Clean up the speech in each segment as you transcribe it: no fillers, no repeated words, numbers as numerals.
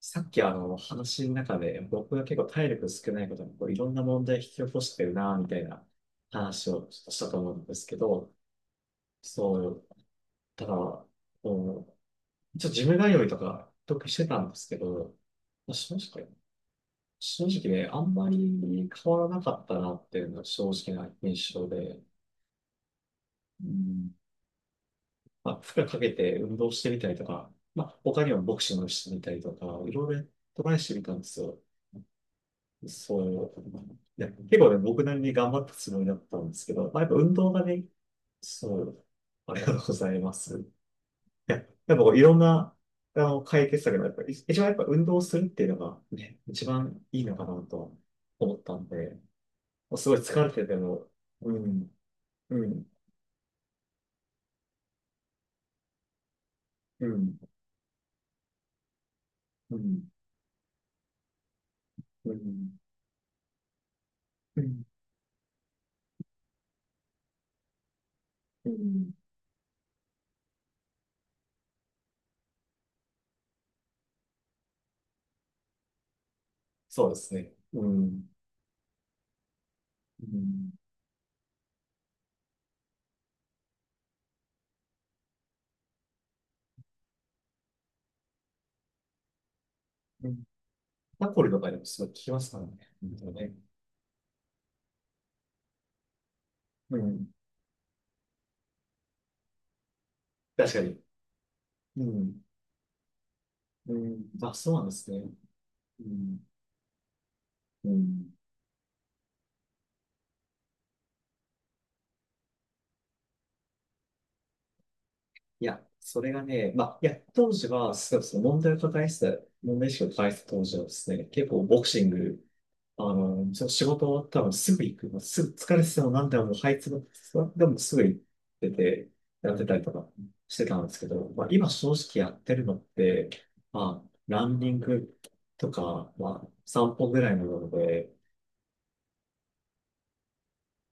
さっき話の中で僕が結構体力少ないことにこういろんな問題引き起こしてるなみたいな話をちょっとしたと思うんですけど、そう、ただ、こう、一応ジム通いとか得してたんですけど、まあ正直、あんまり変わらなかったなっていうのが正直な印象で、うん。まあ、負荷かけて運動してみたりとか、まあ、他にもボクシングしてみたりとか、いろいろトライしてみたんですよ。そう。いや、結構ね、僕なりに頑張ったつもりだったんですけど、まあ、やっぱ運動がね、そう、ありがとうございます。いや、やっぱこういろんな、解決策が、やっぱり、一番やっぱ運動するっていうのがね、一番いいのかなと思ったんで、もうすごい疲れてても、うん、うん、うん、うん、うん、うん、うん、そうですね。うん、うん、うん。タコリとかでもすごい効きますからね。本当ね。うん、確かに。うん、うん、あ、そうなんですね。うん、うん。いや、それがね、まあ、いや、当時は、そうそう、問題を抱えてた、問題意識を抱えてた当時はですね、結構ボクシング、ちょ仕事終わったらすぐ行く、すぐ疲れてても何でも、もう這いつくでもすぐ行ってて、やってたりとかしてたんですけど、まあ、今正直やってるのって、まあ、ランニングとか、まあ、散歩ぐらいなので、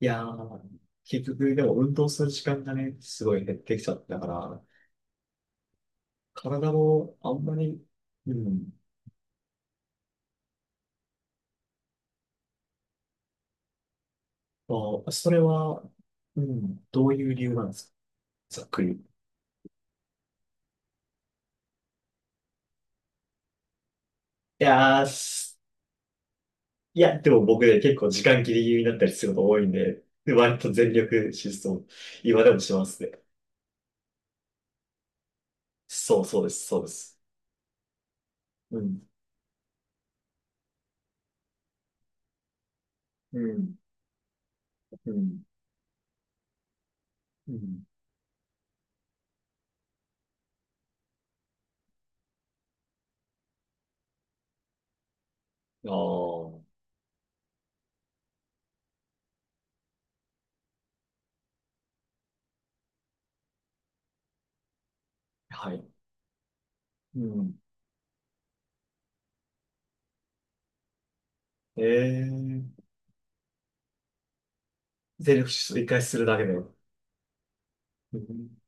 いやー、結局、でも運動する時間がね、すごい減ってきちゃったから、体もあんまり、うん。まあ、それは、うん、どういう理由なんですか、ざっくり。いやー、す、いや、でも僕ね、結構時間ギリギリになったりすること多いんで、で割と全力疾走、今でもしますね。そうそうです、そうです。うん、うん、うん、うん。ああ、はい。うん。ええー、全力疾走一回するだけで。うん、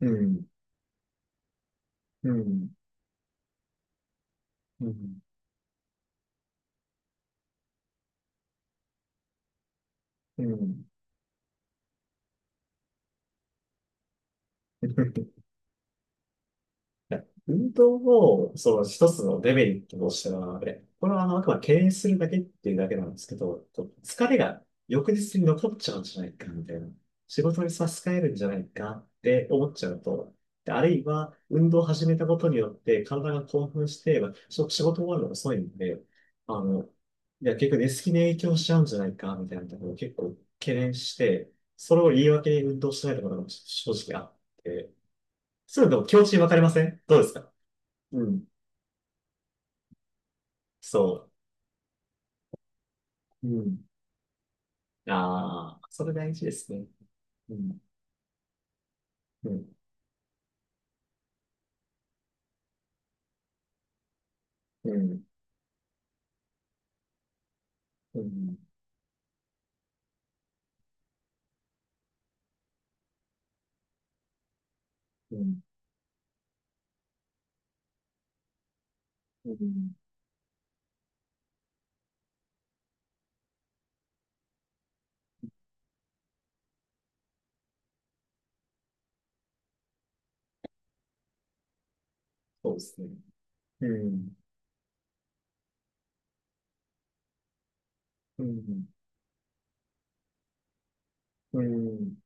うん、うん、うん、うん。いや運動を、その一つのデメリットとしては、でこれはあくまで敬遠するだけっていうだけなんですけど、こう疲れが翌日に残っちゃうんじゃないか、みたいな。仕事に差し支えるんじゃないかって思っちゃうと、で、あるいは、運動を始めたことによって体が興奮して、まあし仕事終わるのが遅いんで、あの、いや、結局寝つきに影響しちゃうんじゃないか、みたいなところを結構懸念して、それを言い訳に運動しないところが正直あって、そういうのでも気持ちわかりません、どうですか？うん。そう。うん。ああ、それ大事ですね。うん。うん。うん。うん。うん。うん、そうですね。うん。うん。うん。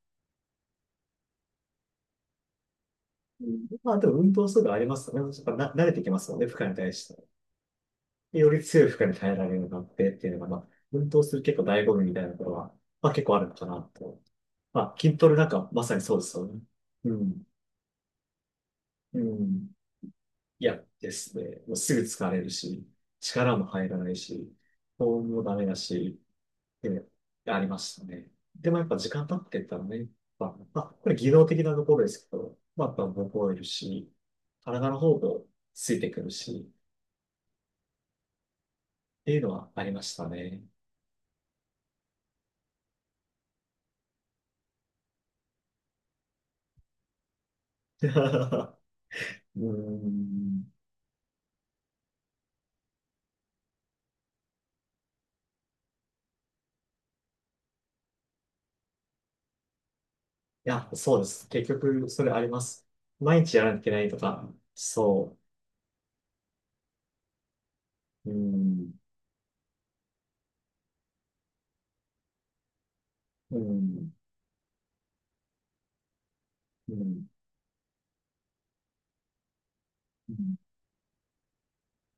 うん、まあ、でも運動するのありますよね。やっぱな、慣れてきますよね、負荷に対して。より強い負荷に耐えられるようになってっていうのが、まあ、運動する結構醍醐味みたいなところは、まあ結構あるのかなと。まあ、筋トレなんかまさにそうですよね。うん。うん。嫌ですね。もうすぐ疲れるし、力も入らないし、保温もダメだし、で、ありましたね。でもやっぱ時間経ってったらね、まあ、まあこれ技能的なところですけど、まあ、やっぱ覚えるし、体の方もついてくるし、っていうのはありましたね。うーん。いや、そうです。結局、それあります。毎日やらなきゃいけないとか、そう。うーん。うーん。うん。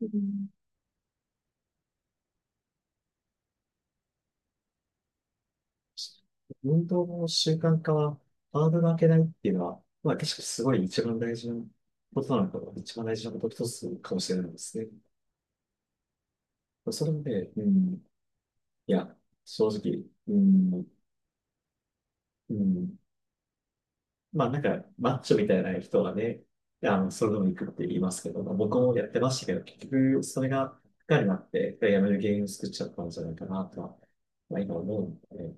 うん、運動の習慣化はハードルを上げないっていうのは、まあ、確かにすごい一番大事なことなのかな、一番大事なこと一つかもしれないですね。それで、うん、いや、正直、うん、うん、まあなんか、マッチョみたいな人はね、それでも行くって言いますけど、まあ僕もやってましたけど、結局、それが、負荷になって、やめる原因を作っちゃったんじゃないかなとは、まあ今思うので、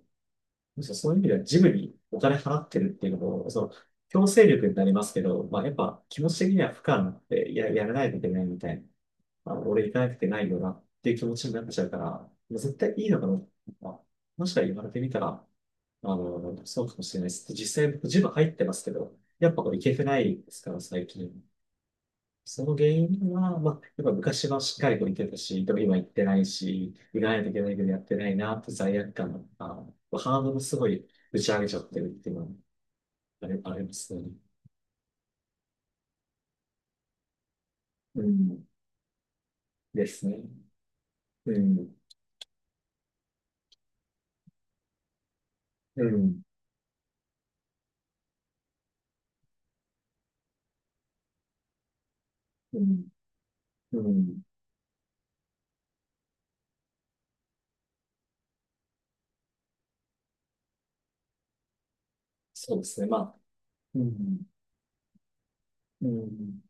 むしろそういう意味ではジムにお金払ってるっていうのも、その、強制力になりますけど、まあ、やっぱ気持ち的には負荷になってや、やらないといけないみたいな、まあ、俺行かなくてないよなっていう気持ちになっちゃうから、まあ絶対いいのかな。まあ、もしか言われてみたら、そうかもしれないです。実際僕ジム入ってますけど、やっぱこれ行けてないですから、最近。その原因は、まあ、やっぱ昔はしっかりと行けたし、でも今行ってないし、行かないといけないけどやってないな、と罪悪感とか、ハードルすごい打ち上げちゃってるっていうのはあり、ありますよね。うん。ですね。うん。うん。うん。うん。そうですね。まあ、うん。うん。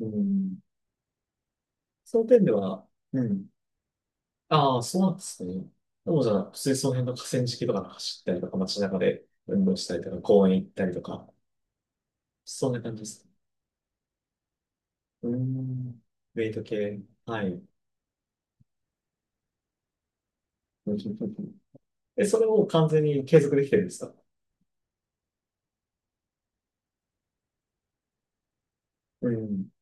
うん。その点では、うん。ああ、そうなんですね。でもじゃあ、普通にその辺の河川敷とか走ったりとか、街中で運動したりとか、公園行ったりとか、そんな感じです。うーん。ウェイト系。はい。え、それを完全に継続できてるんですか？うん。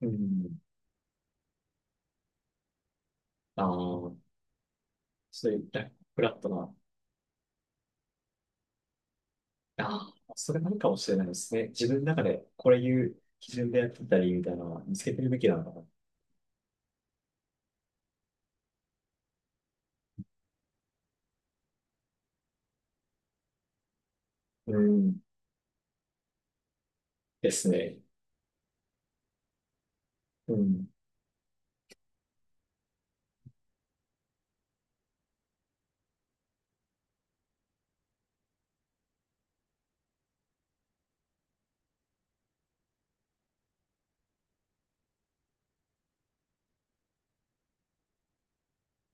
うん。ああ、そういうラ、フラットな。ああ、それなのかもしれないですね。自分の中でこれいう基準でやってたりみたいなのは見つけてるべきなのかな。うん。ですね。うん。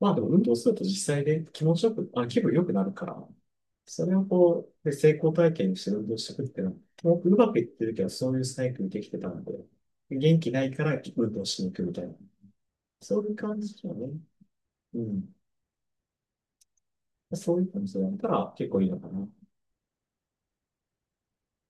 まあでも運動すると実際で気持ちよく、あ、気分良くなるから、それをこう、で、成功体験にして運動していくっていうのは、もうまくいってるけど、そういうサイクルできてたので、元気ないから運動しに行くみたいな、そういう感じだね。うん。そういう感じでやったら結構いいのかな。